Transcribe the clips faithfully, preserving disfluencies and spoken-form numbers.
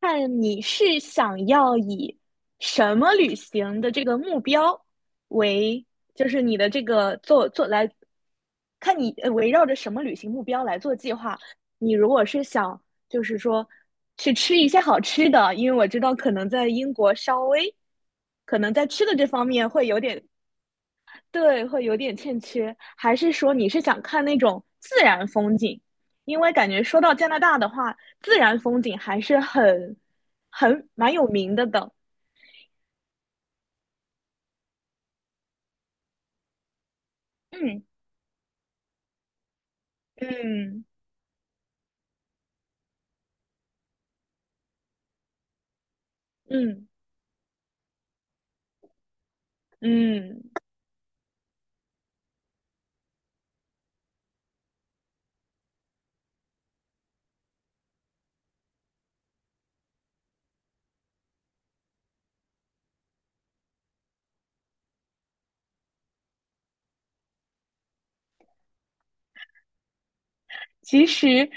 看你是想要以什么旅行的这个目标为，就是你的这个做做来，看你呃围绕着什么旅行目标来做计划。你如果是想就是说去吃一些好吃的，因为我知道可能在英国稍微可能在吃的这方面会有点对，会有点欠缺。还是说你是想看那种自然风景？因为感觉说到加拿大的话，自然风景还是很、很蛮有名的的。嗯嗯嗯嗯，其实，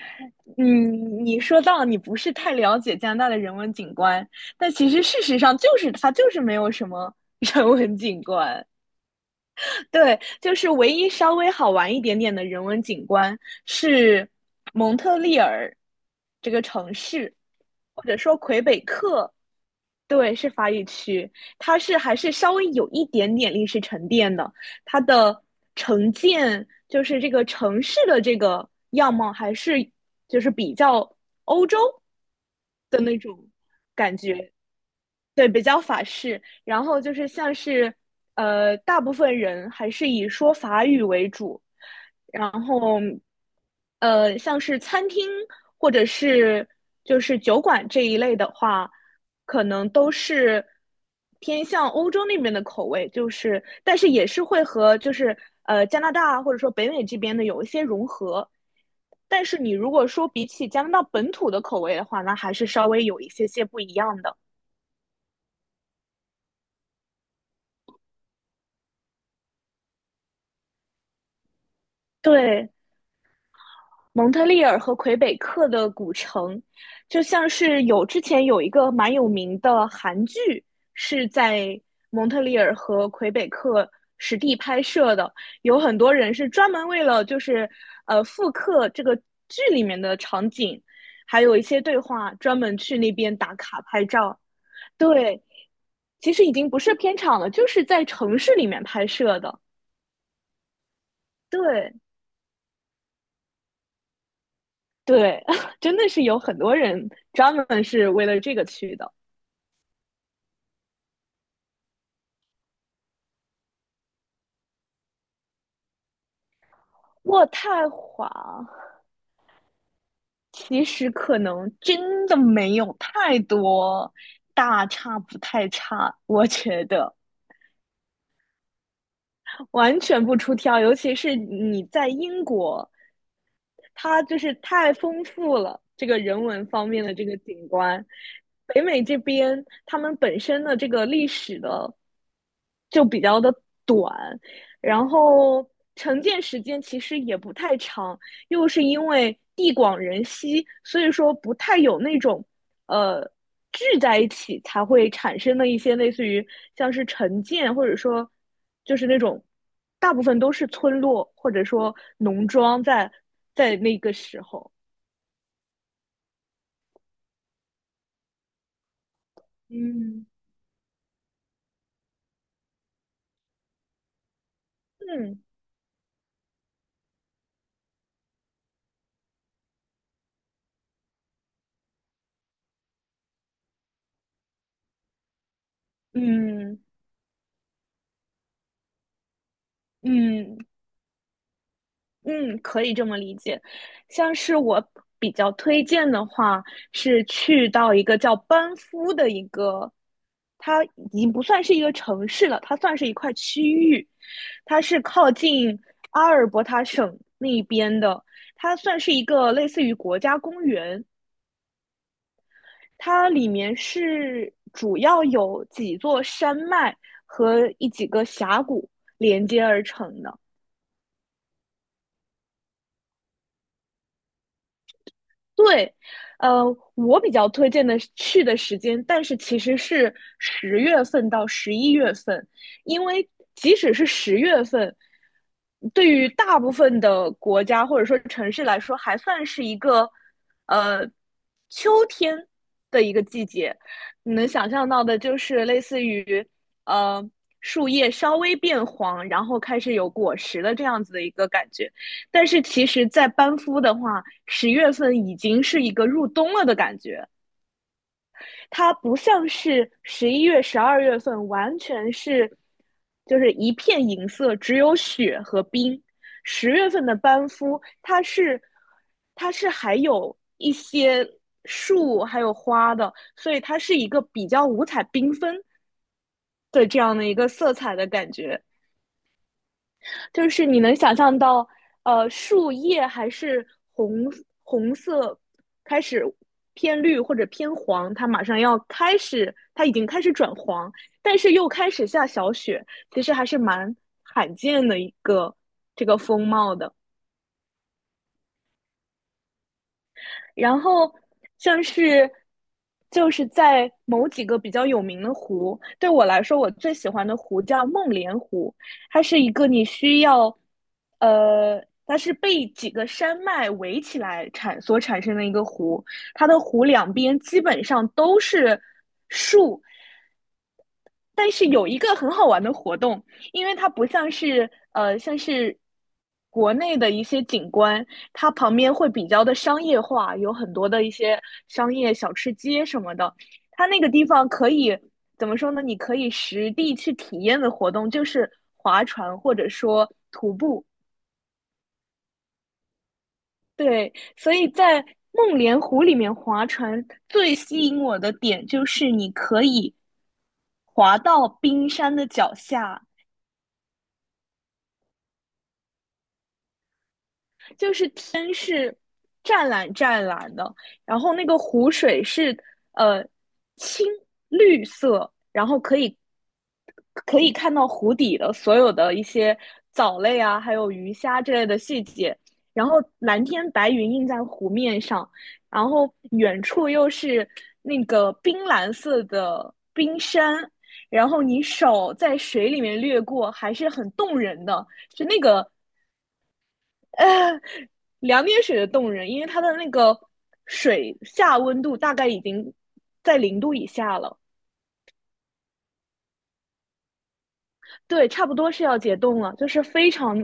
嗯，你说到你不是太了解加拿大的人文景观，但其实事实上就是它就是没有什么 人文景观。对，就是唯一稍微好玩一点点的人文景观是蒙特利尔这个城市，或者说魁北克，对，是法语区，它是还是稍微有一点点历史沉淀的，它的城建就是这个城市的这个样貌还是就是比较欧洲感觉，对，比较法式。然后就是像是，呃，大部分人还是以说法语为主。然后，呃，像是餐厅或者是就是酒馆这一类的话，可能都是偏向欧洲那边的口味，就是但是也是会和就是呃加拿大或者说北美这边的有一些融合。但是你如果说比起加拿大本土的口味的话，那还是稍微有一些些不一样的。对，蒙特利尔和魁北克的古城，就像是有之前有一个蛮有名的韩剧是在蒙特利尔和魁北克实地拍摄的，有很多人是专门为了就是呃复刻这个剧里面的场景，还有一些对话，专门去那边打卡拍照。对，其实已经不是片场了，就是在城市里面拍摄的。对，对，真的是有很多人专门是为了这个去的。渥太华其实可能真的没有太多大差不太差，我觉得完全不出挑。尤其是你在英国它就是太丰富了，这个人文方面的这个景观。北美这边他们本身的这个历史的就比较的短，然后承建时间其实也不太长，又是因为地广人稀，所以说不太有那种呃聚在一起才会产生的一些类似于像是城建，或者说就是那种大部分都是村落或者说农庄在在那个时候。嗯，嗯嗯嗯，嗯，可以这么理解。像是我比较推荐的话，是去到一个叫班夫的一个，它已经不算是一个城市了，它算是一块区域，它是靠近阿尔伯塔省那边的，它算是一个类似于国家公园，它里面是主要有几座山脉和一几个峡谷连接而成的。对，呃，我比较推荐的是去的时间，但是其实是十月份到十一月份，因为即使是十月份，对于大部分的国家或者说城市来说，还算是一个呃秋天的一个季节。你能想象到的就是类似于呃树叶稍微变黄，然后开始有果实的这样子的一个感觉。但是其实，在班夫的话，十月份已经是一个入冬了的感觉，它不像是十一月、十二月份，完全是就是一片银色，只有雪和冰。十月份的班夫，它是它是还有一些树还有花的，所以它是一个比较五彩缤纷的这样的一个色彩的感觉。就是你能想象到，呃，树叶还是红红色，开始偏绿或者偏黄，它马上要开始，它已经开始转黄，但是又开始下小雪，其实还是蛮罕见的一个这个风貌的。然后像是就是在某几个比较有名的湖，对我来说，我最喜欢的湖叫梦莲湖，它是一个你需要，呃，它是被几个山脉围起来产所产生的一个湖，它的湖两边基本上都是树，但是有一个很好玩的活动，因为它不像是呃像是国内的一些景观，它旁边会比较的商业化，有很多的一些商业小吃街什么的。它那个地方可以怎么说呢？你可以实地去体验的活动就是划船或者说徒步。对，所以在梦莲湖里面划船最吸引我的点就是你可以滑到冰山的脚下，就是天是湛蓝湛蓝的，然后那个湖水是呃青绿色，然后可以可以看到湖底的所有的一些藻类啊，还有鱼虾之类的细节。然后蓝天白云映在湖面上，然后远处又是那个冰蓝色的冰山，然后你手在水里面掠过，还是很动人的。就那个两点水的冻人，因为它的那个水下温度大概已经在零度以下了，对，差不多是要解冻了，就是非常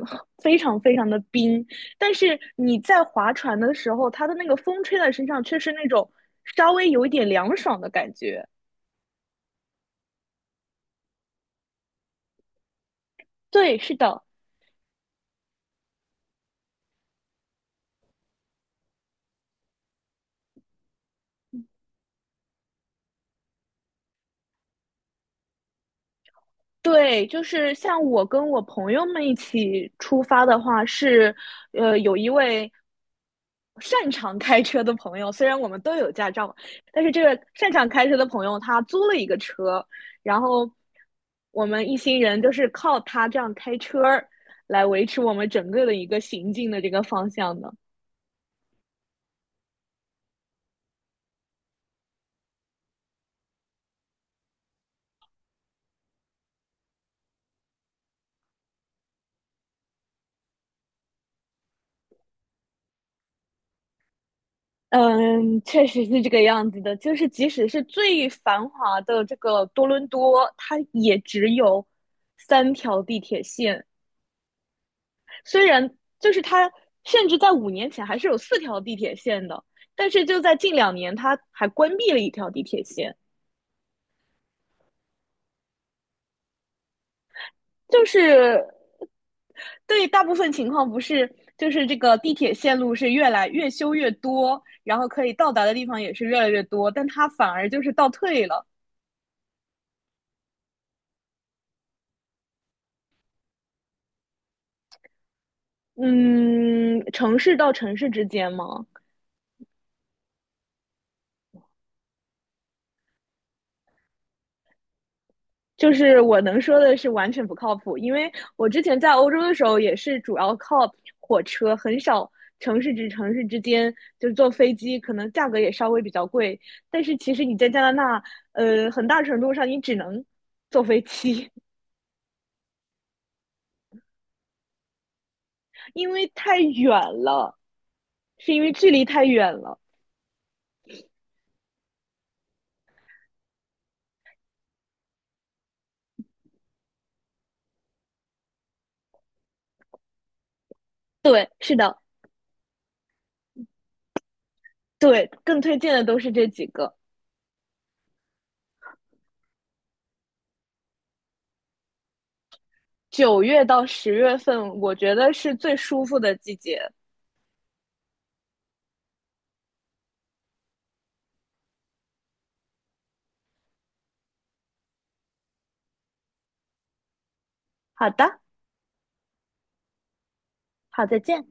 非常非常的冰。但是你在划船的时候，它的那个风吹在身上，却是那种稍微有一点凉爽的感觉。对，是的。对，就是像我跟我朋友们一起出发的话，是，呃，有一位擅长开车的朋友，虽然我们都有驾照，但是这个擅长开车的朋友他租了一个车，然后我们一行人就是靠他这样开车儿来维持我们整个的一个行进的这个方向的。嗯，确实是这个样子的。就是即使是最繁华的这个多伦多，它也只有三条地铁线。虽然就是它，甚至在五年前还是有四条地铁线的，但是就在近两年，它还关闭了一条地铁线。就是对大部分情况不是，就是这个地铁线路是越来越修越多，然后可以到达的地方也是越来越多，但它反而就是倒退了。嗯，城市到城市之间吗？就是我能说的是完全不靠谱，因为我之前在欧洲的时候也是主要靠火车，很少城市至城市之间，就是坐飞机，可能价格也稍微比较贵。但是其实你在加拿大，呃，很大程度上你只能坐飞机，因为太远了，是因为距离太远了。对，是的，对，更推荐的都是这几个。九月到十月份，我觉得是最舒服的季节。好的，好，再见。